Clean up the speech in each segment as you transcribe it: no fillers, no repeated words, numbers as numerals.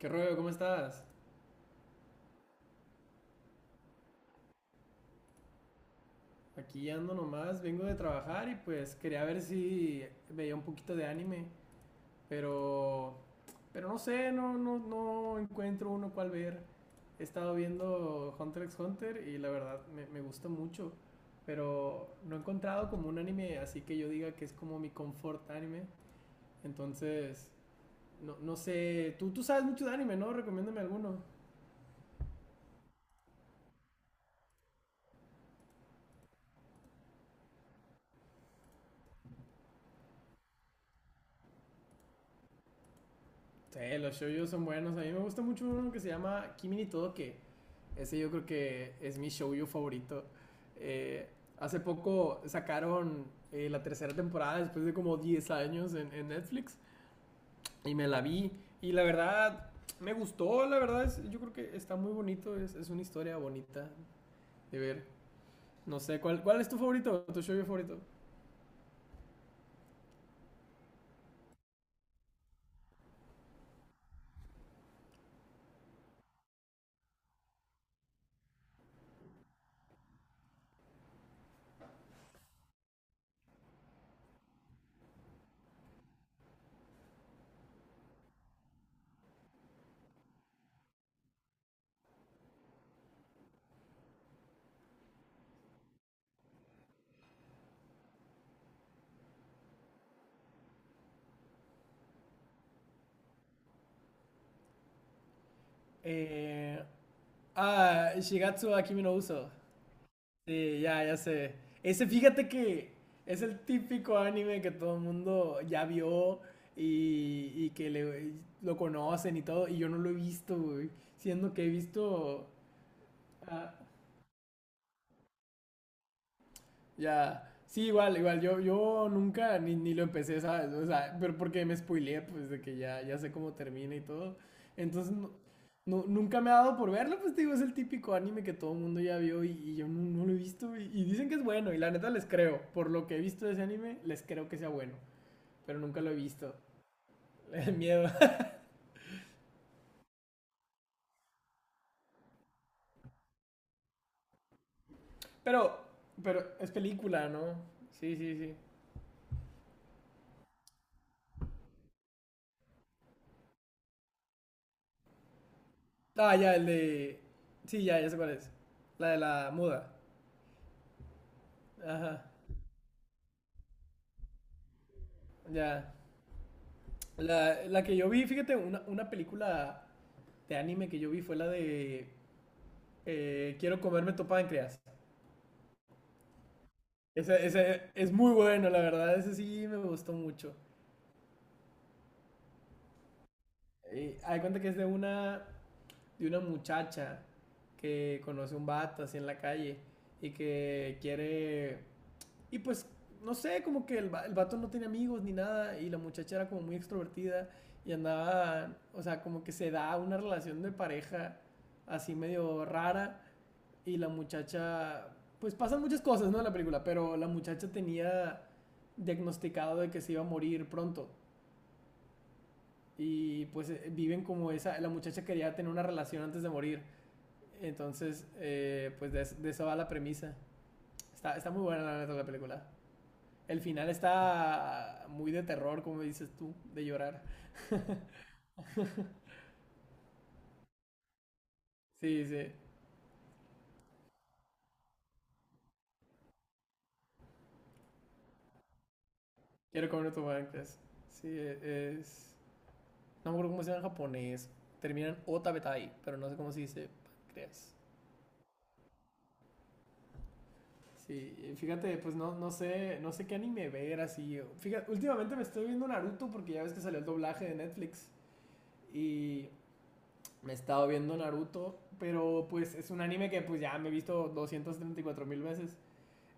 ¿Qué rollo? ¿Cómo estás? Aquí ando nomás, vengo de trabajar y pues quería ver si veía un poquito de anime, pero no sé, no encuentro uno cual ver. He estado viendo Hunter x Hunter y la verdad me gusta mucho, pero no he encontrado como un anime así que yo diga que es como mi comfort anime. Entonces, no, no sé, tú sabes mucho de anime, ¿no? Recomiéndame alguno. Sí, los shoujos son buenos. A mí me gusta mucho uno que se llama Kimi ni Todoke. Ese yo creo que es mi shoujo favorito. Eh, Hace poco sacaron la tercera temporada después de como 10 años en Netflix y me la vi, y la verdad me gustó. La verdad es, yo creo que está muy bonito. Es una historia bonita de ver. No sé, ¿cuál es tu favorito? ¿Tu shoujo favorito? Eh, Shigatsu Akimi no Uso. Sí, ya, ya sé. Ese, fíjate que es el típico anime que todo el mundo ya vio, y que lo conocen y todo, y yo no lo he visto, güey. Siendo que he visto. Ya. Sí, igual, igual. Yo nunca ni lo empecé, ¿sabes? O sea, pero porque me spoileé, pues de que ya, ya sé cómo termina y todo. Entonces, no, nunca me ha dado por verlo. Pues te digo, es el típico anime que todo el mundo ya vio, y yo no lo he visto. Y dicen que es bueno, y la neta les creo. Por lo que he visto de ese anime, les creo que sea bueno. Pero nunca lo he visto. Le da miedo. Pero, pero es película, ¿no? Sí, sí, sí. Ah, ya, el de. Sí, ya, ya sé cuál es. La de la muda. Ajá, ya. La que yo vi, fíjate, una película de anime que yo vi fue la de Quiero comerme tu páncreas. Esa es muy bueno, la verdad, ese sí me gustó mucho. Hay cuenta que es de una muchacha que conoce un vato así en la calle y que quiere... Y pues, no sé, como que el vato no tiene amigos ni nada, y la muchacha era como muy extrovertida y andaba, o sea, como que se da una relación de pareja así medio rara. Y la muchacha, pues pasan muchas cosas, ¿no? En la película. Pero la muchacha tenía diagnosticado de que se iba a morir pronto, y pues viven como esa, la muchacha quería tener una relación antes de morir. Entonces, pues de eso va la premisa. Está muy buena la neta la película. El final está muy de terror, como dices tú, de llorar. Sí, sí. Quiero comer tu banqués. Sí, es... No me acuerdo cómo se llama en japonés. Terminan otabetai, pero no sé cómo se dice pancreas. Sí, y fíjate, pues no, no sé, qué anime ver así. Fíjate, últimamente me estoy viendo Naruto porque ya ves que salió el doblaje de Netflix. Y me he estado viendo Naruto, pero pues es un anime que pues ya me he visto 234 mil veces.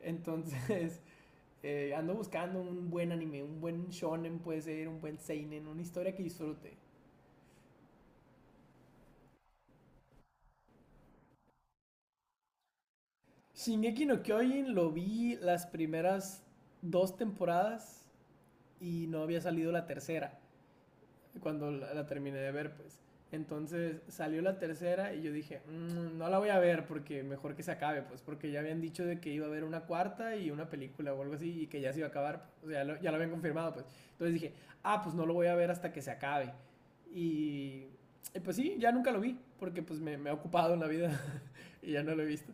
Entonces, ando buscando un buen anime, un buen shonen puede ser, un buen seinen, una historia que disfrute. Shingeki no Kyojin lo vi las primeras dos temporadas y no había salido la tercera cuando la terminé de ver, pues. Entonces salió la tercera y yo dije, "Mm, no la voy a ver. Porque mejor que se acabe, pues porque ya habían dicho de que iba a haber una cuarta y una película o algo así, y que ya se iba a acabar. O sea, ya lo, habían confirmado, pues". Entonces dije, ah, pues no lo voy a ver hasta que se acabe. Y, y pues sí, ya nunca lo vi porque pues me ha ocupado en la vida y ya no lo he visto.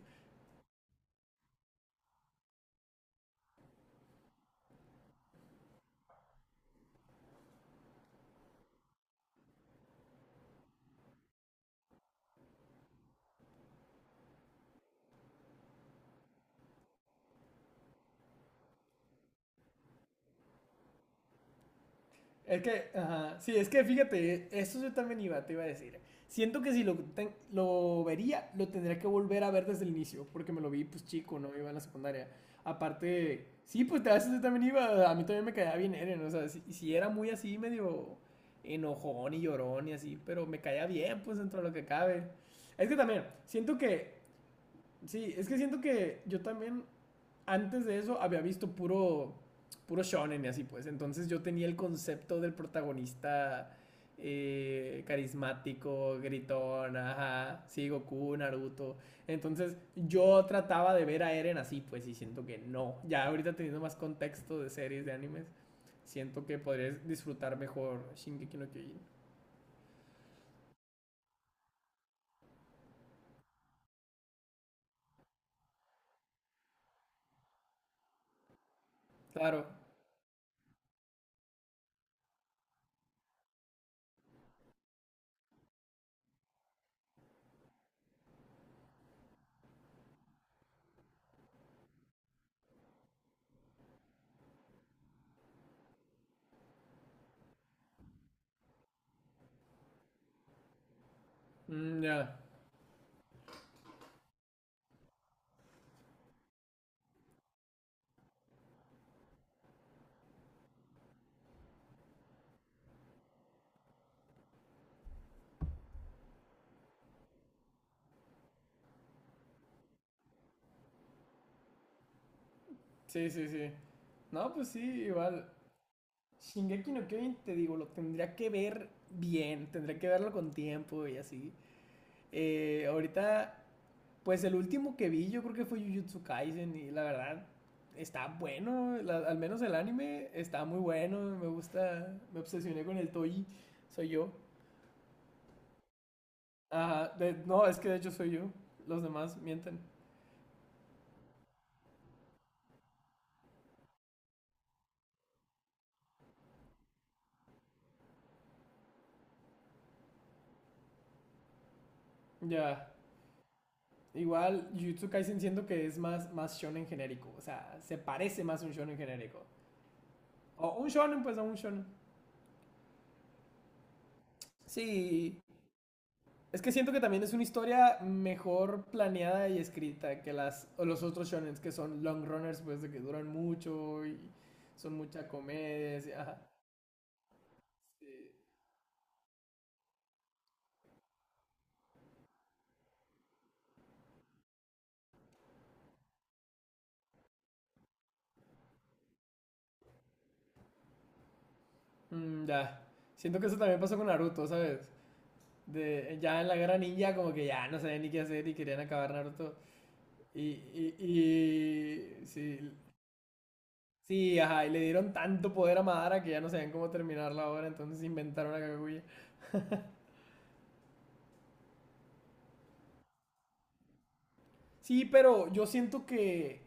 Es que, ajá, sí, es que fíjate, eso yo también iba, te iba a decir. Siento que si lo vería, lo tendría que volver a ver desde el inicio, porque me lo vi pues chico, ¿no? Iba en la secundaria. Aparte, sí, pues a veces yo también iba, a mí también me caía bien Eren. O sea, si, era muy así, medio enojón y llorón y así, pero me caía bien, pues dentro de lo que cabe. Es que también, siento que, sí, es que siento que yo también antes de eso había visto puro, shonen y así pues. Entonces yo tenía el concepto del protagonista carismático, gritón, ajá, sí, Goku, Naruto. Entonces yo trataba de ver a Eren así pues, y siento que no. Ya ahorita teniendo más contexto de series, de animes, siento que podrías disfrutar mejor Shingeki no Kyojin. Claro. Mm, ya. Sí, sí, sí. No, pues sí, igual. Shingeki no Kyojin, te digo, lo tendría que ver bien, tendría que verlo con tiempo y así. Ahorita, pues el último que vi yo creo que fue Jujutsu Kaisen, y la verdad está bueno. Al menos el anime está muy bueno, me gusta, me obsesioné con el Toei, soy yo. Ajá, no, es que de hecho soy yo, los demás mienten. Ya, igual Jujutsu Kaisen siento que es más, shonen genérico. O sea, se parece más a un shonen genérico. O un shonen, pues a un shonen. Sí, es que siento que también es una historia mejor planeada y escrita que las o los otros shonens que son long runners, pues de que duran mucho y son mucha comedia. Ajá. Mm, ya. Siento que eso también pasó con Naruto, ¿sabes? De, ya en la guerra ninja como que ya no sabían ni qué hacer y querían acabar Naruto. Y, y, sí, sí, ajá, y le dieron tanto poder a Madara que ya no sabían cómo terminar la obra, entonces inventaron a Kaguya. Sí, pero yo siento que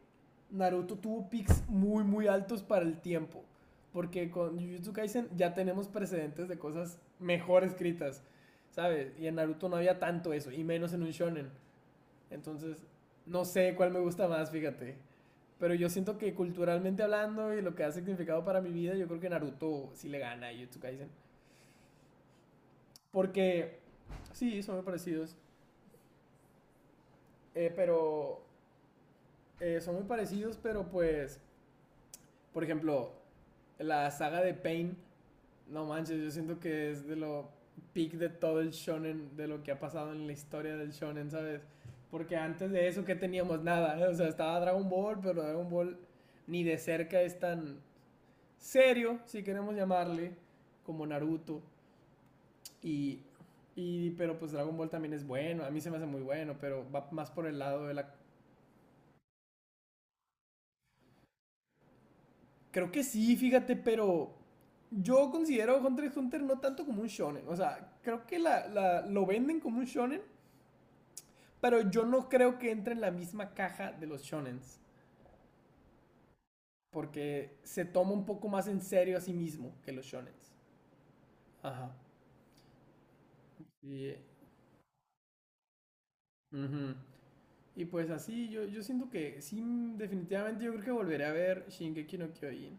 Naruto tuvo picks muy, muy altos para el tiempo. Porque con Jujutsu Kaisen ya tenemos precedentes de cosas mejor escritas, ¿sabes? Y en Naruto no había tanto eso, y menos en un shonen. Entonces, no sé cuál me gusta más, fíjate. Pero yo siento que culturalmente hablando y lo que ha significado para mi vida, yo creo que Naruto sí le gana a Jujutsu Kaisen. Porque, sí, son muy parecidos. Pero, son muy parecidos, pero pues, por ejemplo, la saga de Pain, no manches, yo siento que es de lo peak de todo el shonen, de lo que ha pasado en la historia del shonen, ¿sabes? Porque antes de eso, ¿qué teníamos? Nada, ¿eh? O sea, estaba Dragon Ball, pero Dragon Ball ni de cerca es tan serio, si queremos llamarle, como Naruto. Y, y pero pues Dragon Ball también es bueno, a mí se me hace muy bueno, pero va más por el lado de la. Creo que sí, fíjate, pero yo considero Hunter x Hunter no tanto como un shonen. O sea, creo que lo venden como un shonen, pero yo no creo que entre en la misma caja de los shonens. Porque se toma un poco más en serio a sí mismo que los shonens. Ajá. Y ujú. Y pues así, yo siento que sí, definitivamente yo creo que volveré a ver Shingeki no Kyojin.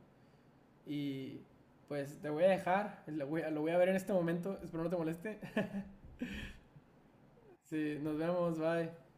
Y pues te voy a dejar, lo voy a ver en este momento, espero no te moleste. Sí, nos vemos, bye.